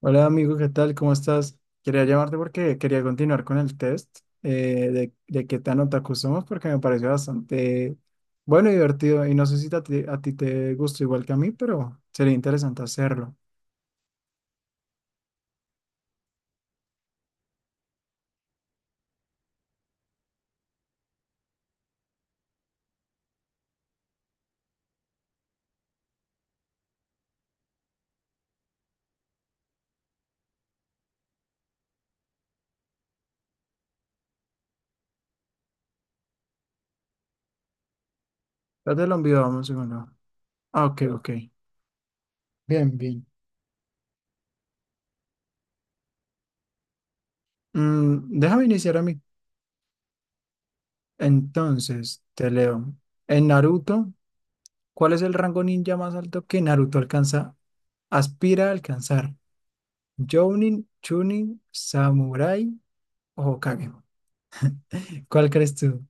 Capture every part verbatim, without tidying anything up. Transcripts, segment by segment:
Hola amigo, ¿qué tal? ¿Cómo estás? Quería llamarte porque quería continuar con el test eh, de, de qué tan otaku somos porque me pareció bastante bueno y divertido y no sé si a ti, a ti te gusta igual que a mí, pero sería interesante hacerlo. Ya te lo envío, vamos un segundo. Ah, ok, ok. Bien, bien. Mm, déjame iniciar a mí. Entonces, te leo. En Naruto, ¿cuál es el rango ninja más alto que Naruto alcanza, aspira a alcanzar? Jounin, Chunin, Samurai o Kage. ¿Cuál crees tú?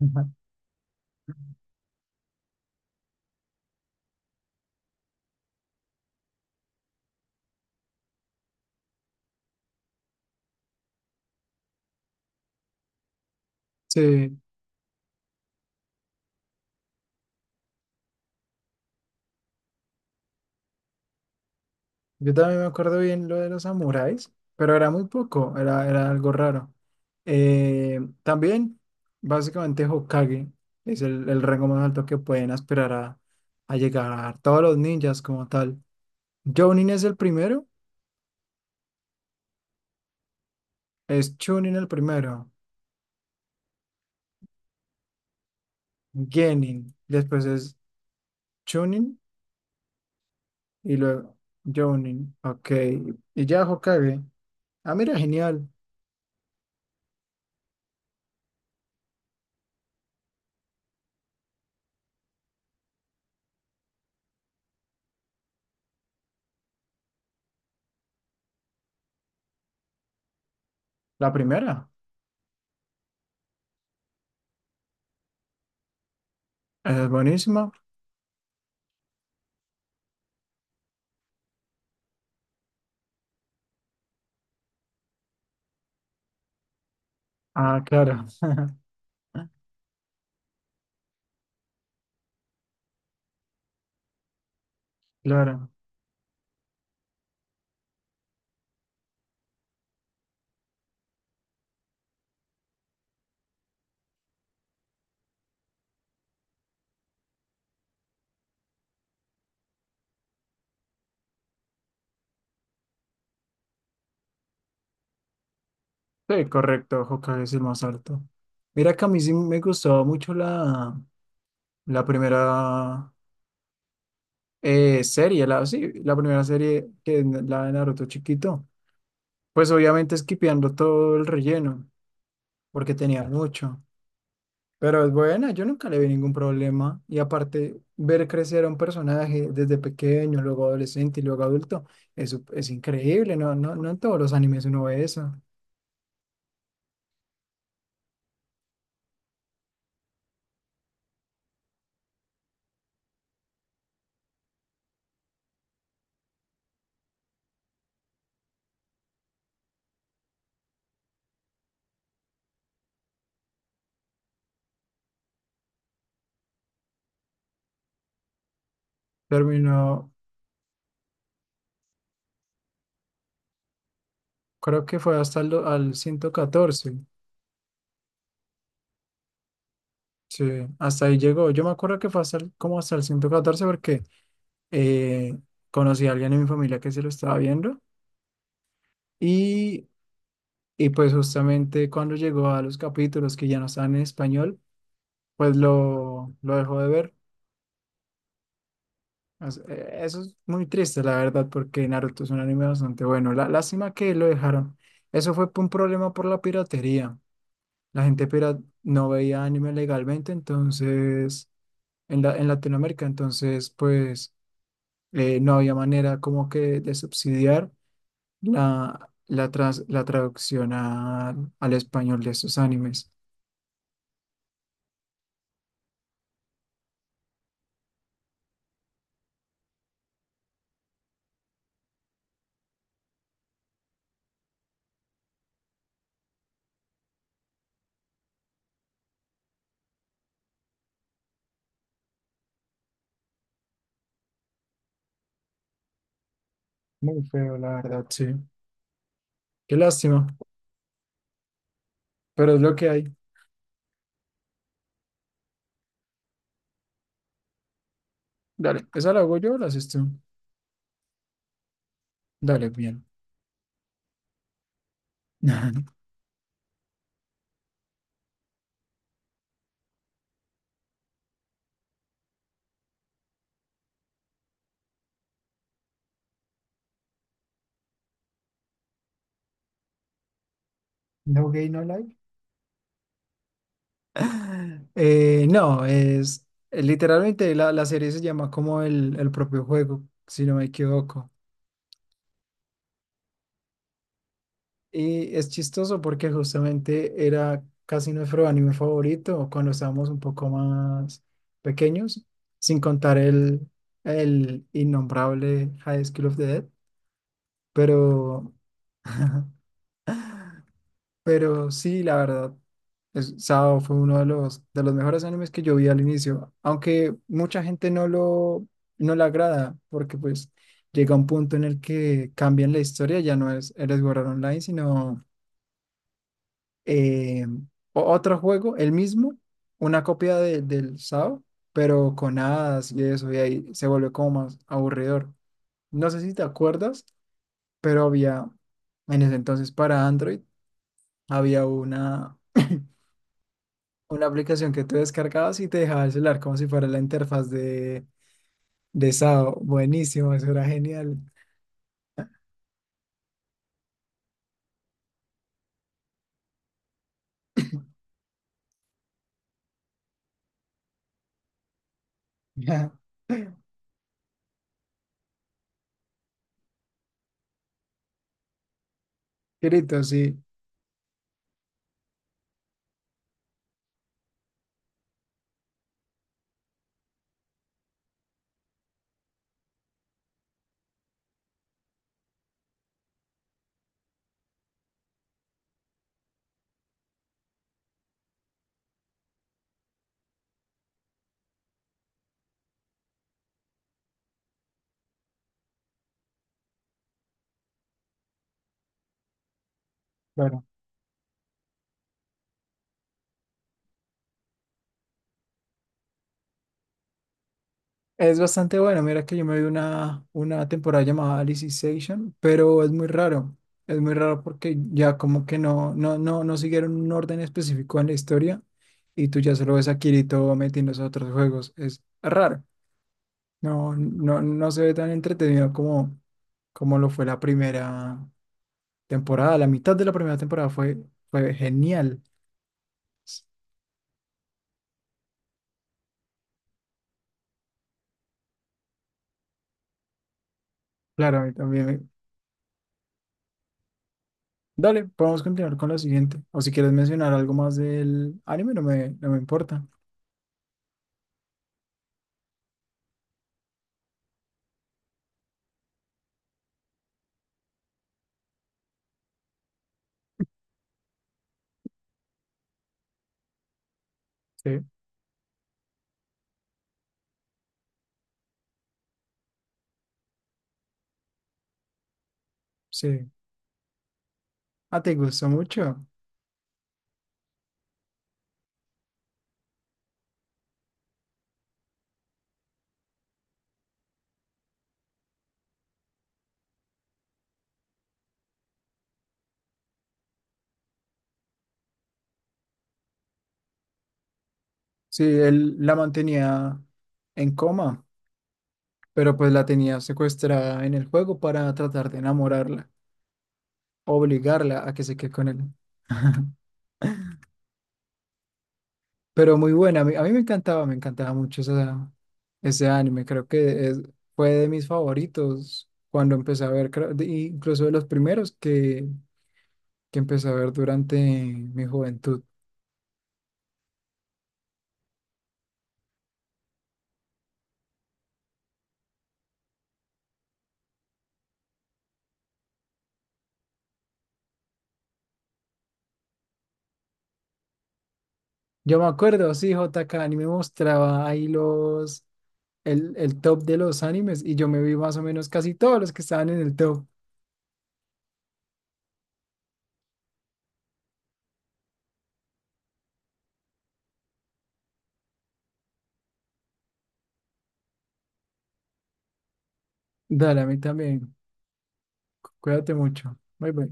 Ujú. Sí, yo también me acuerdo bien lo de los samuráis, pero era muy poco, era, era algo raro. Eh, también, básicamente, Hokage es el, el rango más alto que pueden aspirar a, a llegar todos los ninjas como tal. Jounin es el primero, es Chunin el primero, Genin, después es Chunin y luego Jounin, ok. Y ya Hokage. Ah, mira, genial. La primera. Es buenísimo. Ah, claro. Claro. Sí, correcto. Hokage es el más alto. Mira que a mí sí me gustaba mucho la, la primera eh, serie, la, sí, la primera serie que es la de Naruto chiquito. Pues obviamente esquipeando todo el relleno, porque tenía mucho. Pero es buena, yo nunca le vi ningún problema. Y aparte, ver crecer a un personaje desde pequeño, luego adolescente y luego adulto, eso es increíble, ¿no? No, no en todos los animes uno ve eso. Terminó, creo que fue hasta el, do- al ciento catorce. Sí, hasta ahí llegó. Yo me acuerdo que fue hasta el- como hasta el ciento catorce porque eh, conocí a alguien en mi familia que se lo estaba viendo y, y pues justamente cuando llegó a los capítulos que ya no estaban en español, pues lo, lo dejó de ver. As- eh, Eso es muy triste, la verdad, porque Naruto es un anime bastante bueno. La, lástima que lo dejaron. Eso fue por un problema por la piratería. La gente pirata no veía anime legalmente, entonces, en la, en Latinoamérica, entonces, pues, eh, no había manera como que de subsidiar la, la, tras- la traducción a- al español de esos animes. Muy feo, la verdad, sí. Qué lástima, pero es lo que hay. Dale, ¿esa la hago yo o la haces tú? Dale, bien. No gay, no like. Eh, no, es eh, literalmente la, la serie se llama como el, el propio juego, si no me equivoco. Y es chistoso porque justamente era casi nuestro anime favorito cuando estábamos un poco más pequeños, sin contar el, el innombrable High School of the Dead. Pero, pero sí, la verdad, es, Sao fue uno de los, de los mejores animes que yo vi al inicio, aunque mucha gente no lo no le agrada porque pues llega un punto en el que cambian la historia, ya no es Eres Sword Online, sino eh, o- otro juego, el mismo, una copia de- del S A O, pero con hadas y eso, y ahí se volvió como más aburridor. No sé si te acuerdas, pero había, en ese entonces para Android, había una, una aplicación que tú descargabas y te dejaba el celular como si fuera la interfaz de, de S A O. Buenísimo, eso era genial. Grito, sí. Es bastante bueno. Mira que yo me vi una, una temporada llamada Alice in Station, pero es muy raro. Es muy raro porque ya como que no, no, no, no siguieron un orden específico en la historia y tú ya solo ves a Kirito metiéndose a otros juegos. Es raro. No, no, no se ve tan entretenido como, como lo fue la primera temporada. La mitad de la primera temporada fue, fue genial. S- Claro, a mí también. Me- Dale, podemos continuar con la siguiente. O si quieres mencionar algo más del anime, no me, no me importa. Sí, sí. Ah, ¿te gustó mucho? Sí, él la mantenía en coma, pero pues la tenía secuestrada en el juego para tratar de enamorarla, obligarla a que se quede con él. Pero muy buena, a mí, a mí me encantaba, me encantaba mucho esa- ese anime, creo que es- fue de mis favoritos cuando empecé a ver, creo- de- incluso de los primeros que, que empecé a ver durante mi juventud. Yo me acuerdo, sí, J K, y me mostraba ahí los el, el top de los animes y yo me vi más o menos casi todos los que estaban en el top. Dale, a mí también. Cuídate mucho. Bye bye.